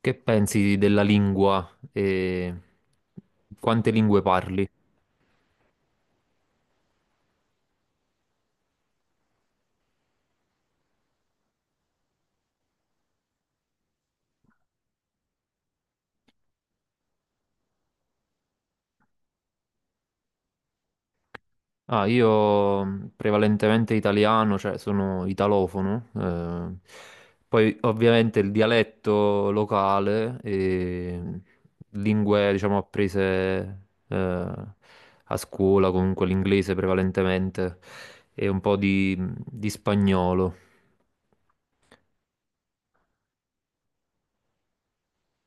Che pensi della lingua e quante lingue parli? Prevalentemente italiano, cioè sono italofono. Poi ovviamente il dialetto locale e lingue, diciamo, apprese eh, a scuola, comunque l'inglese prevalentemente e un po' di di spagnolo.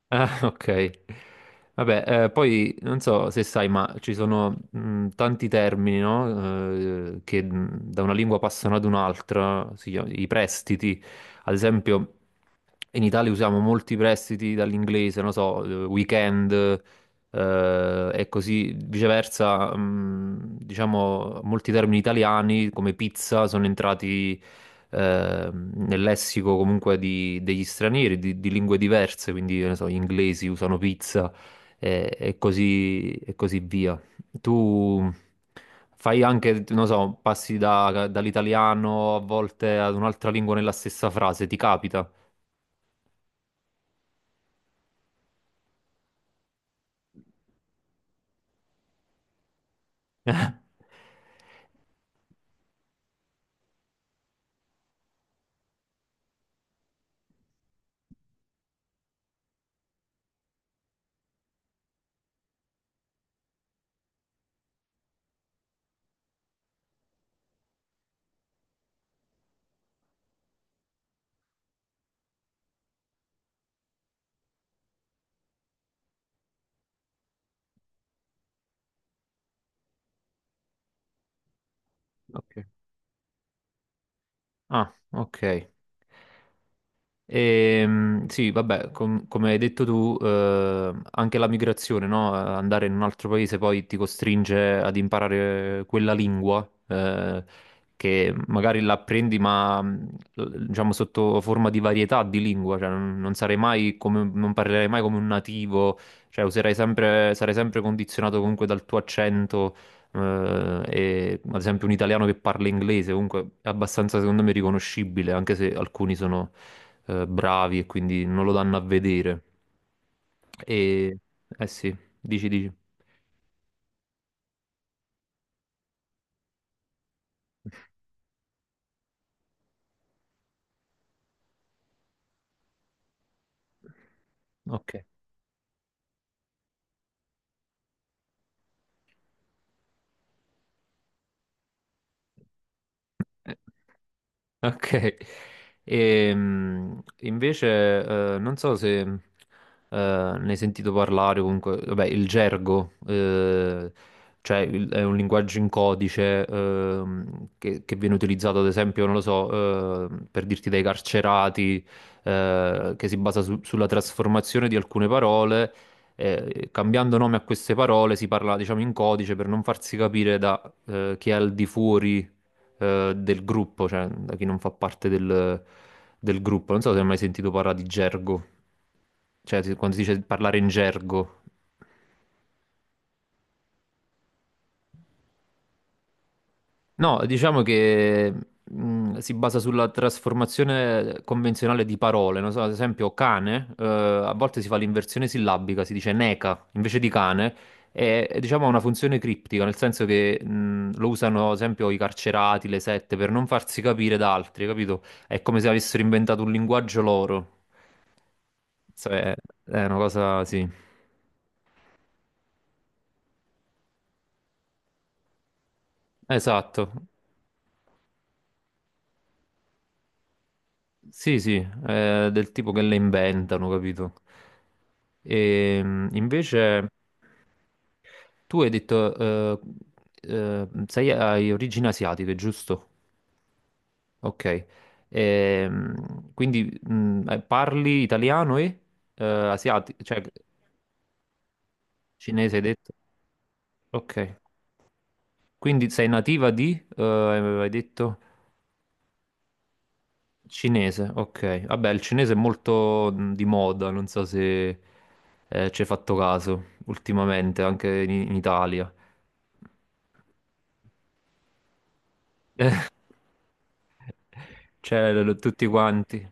Ah, ok. Vabbè, poi non so se sai, ma ci sono tanti termini, no? Che Da una lingua passano ad un'altra, i prestiti. Ad esempio, in Italia usiamo molti prestiti dall'inglese, non so, weekend, e così viceversa, diciamo, molti termini italiani come pizza sono entrati nel lessico comunque degli stranieri, di lingue diverse, quindi, che ne so, gli inglesi usano pizza e così via. Tu fai anche, non so, passi dall'italiano a volte ad un'altra lingua nella stessa frase, ti capita? Ok. Ah, ok. Sì, vabbè, come hai detto tu, anche la migrazione, no? Andare in un altro paese poi ti costringe ad imparare quella lingua, che magari l'apprendi, ma diciamo sotto forma di varietà di lingua, cioè non sarai mai come, non parlerai mai come un nativo, cioè userai sempre, sarai sempre condizionato comunque dal tuo accento. E ad esempio un italiano che parla inglese comunque è abbastanza secondo me riconoscibile anche se alcuni sono bravi e quindi non lo danno a vedere. E eh sì, dici, dici. Ok. Ok. Invece non so se ne hai sentito parlare, o comunque, vabbè, il gergo, cioè è un linguaggio in codice che viene utilizzato, ad esempio, non lo so, per dirti dai carcerati, che si basa sulla trasformazione di alcune parole, cambiando nome a queste parole si parla, diciamo, in codice per non farsi capire da chi è al di fuori del gruppo, cioè da chi non fa parte del gruppo. Non so se hai mai sentito parlare di gergo, cioè quando si dice parlare in gergo. No, diciamo che si basa sulla trasformazione convenzionale di parole. Non so, ad esempio cane, a volte si fa l'inversione sillabica, si dice neca invece di cane. È, diciamo, ha una funzione criptica, nel senso che lo usano, ad esempio, i carcerati, le sette, per non farsi capire da altri, capito? È come se avessero inventato un linguaggio loro. Cioè, è una cosa, sì, esatto, sì, sì, è del tipo che le inventano, capito? E invece tu hai detto, sei, hai origini asiatiche, giusto? Ok. E, parli italiano e asiatico, cioè cinese hai detto? Ok, quindi sei nativa di, hai detto? Cinese, ok. Vabbè, il cinese è molto di moda, non so se ci hai fatto caso ultimamente, anche in Italia. Tutti quanti.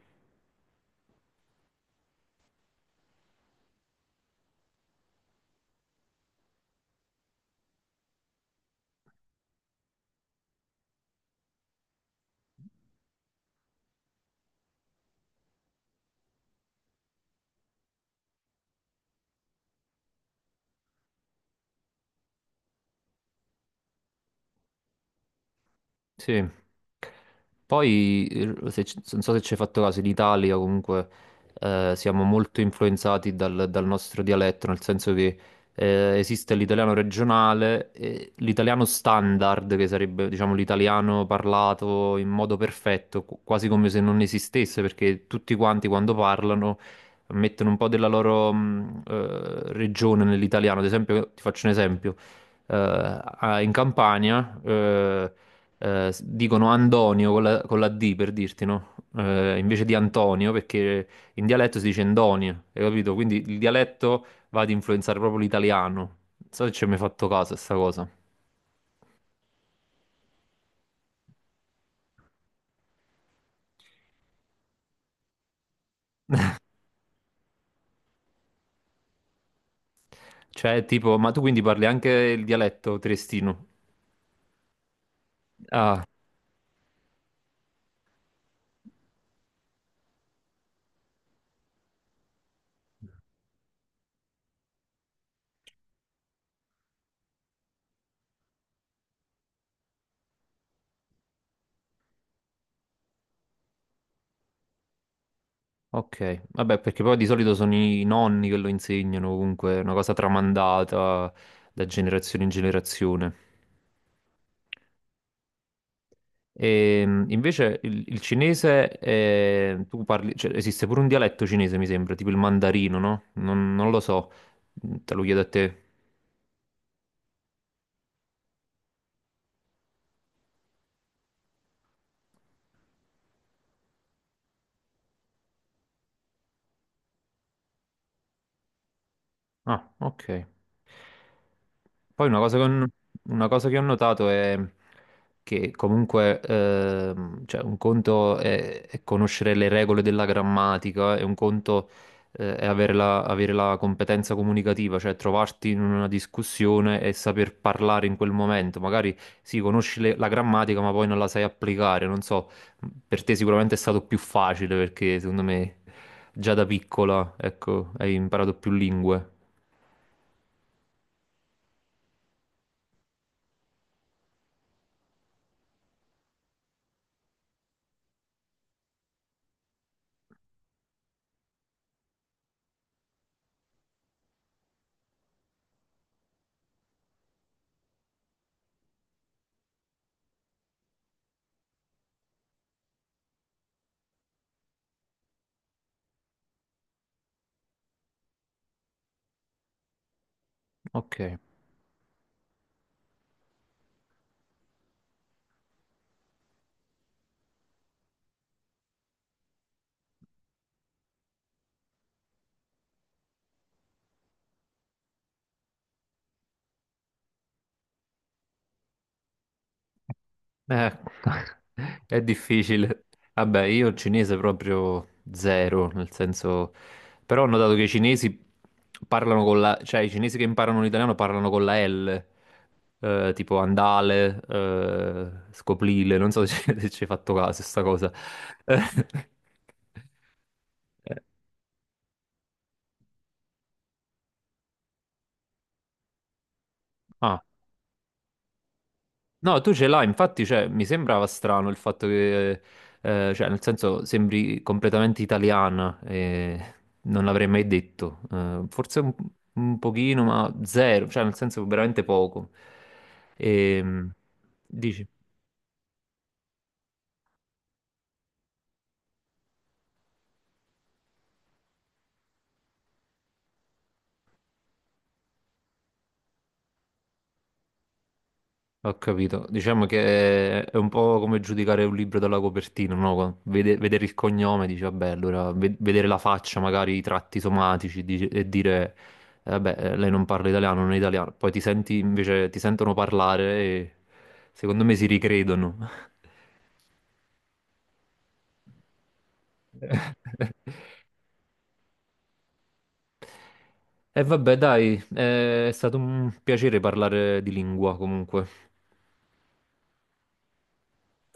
Sì. Poi, se ci- non so se ci hai fatto caso, in Italia comunque siamo molto influenzati dal nostro dialetto, nel senso che esiste l'italiano regionale, e l'italiano standard, che sarebbe diciamo l'italiano parlato in modo perfetto, quasi come se non esistesse, perché tutti quanti quando parlano mettono un po' della loro regione nell'italiano. Ad esempio, ti faccio un esempio. Eh, In Campania dicono Antonio con la D per dirti, no? Invece di Antonio, perché in dialetto si dice Endonio, hai capito? Quindi il dialetto va ad influenzare proprio l'italiano. Non so se ci hai mai fatto caso a sta cosa. Cioè, tipo, ma tu quindi parli anche il dialetto triestino? Ah, ok. Vabbè, perché poi di solito sono i nonni che lo insegnano, comunque, è una cosa tramandata da generazione in generazione. Invece il cinese, tu parli, cioè, esiste pure un dialetto cinese, mi sembra, tipo il mandarino, no? Non lo so. Mm, te lo chiedo a te. Ah, ok. Poi una cosa che ho, una cosa che ho notato è che comunque cioè un conto è conoscere le regole della grammatica e un conto è avere avere la competenza comunicativa, cioè trovarti in una discussione e saper parlare in quel momento. Magari sì, conosci la grammatica, ma poi non la sai applicare. Non so, per te sicuramente è stato più facile perché secondo me già da piccola, ecco, hai imparato più lingue. Ok, è difficile. Vabbè, io il cinese proprio zero, nel senso... Però ho notato che i cinesi parlano con la... cioè i cinesi che imparano l'italiano parlano con la L, tipo andale, scoprile, non so se ci se ci hai fatto caso a sta cosa. Mm. Ah, no, tu ce l'hai, infatti, cioè, mi sembrava strano il fatto che, cioè, nel senso, sembri completamente italiana e non l'avrei mai detto. Forse un pochino, ma zero, cioè, nel senso, veramente poco. E, dici? Ho capito. Diciamo che è un po' come giudicare un libro dalla copertina, no? Vedere il cognome, dici, vabbè, allora vedere la faccia, magari i tratti somatici, e dire, vabbè, lei non parla italiano, non è italiano. Poi ti senti invece, ti sentono parlare e secondo me si ricredono. E vabbè, dai, è stato un piacere parlare di lingua comunque.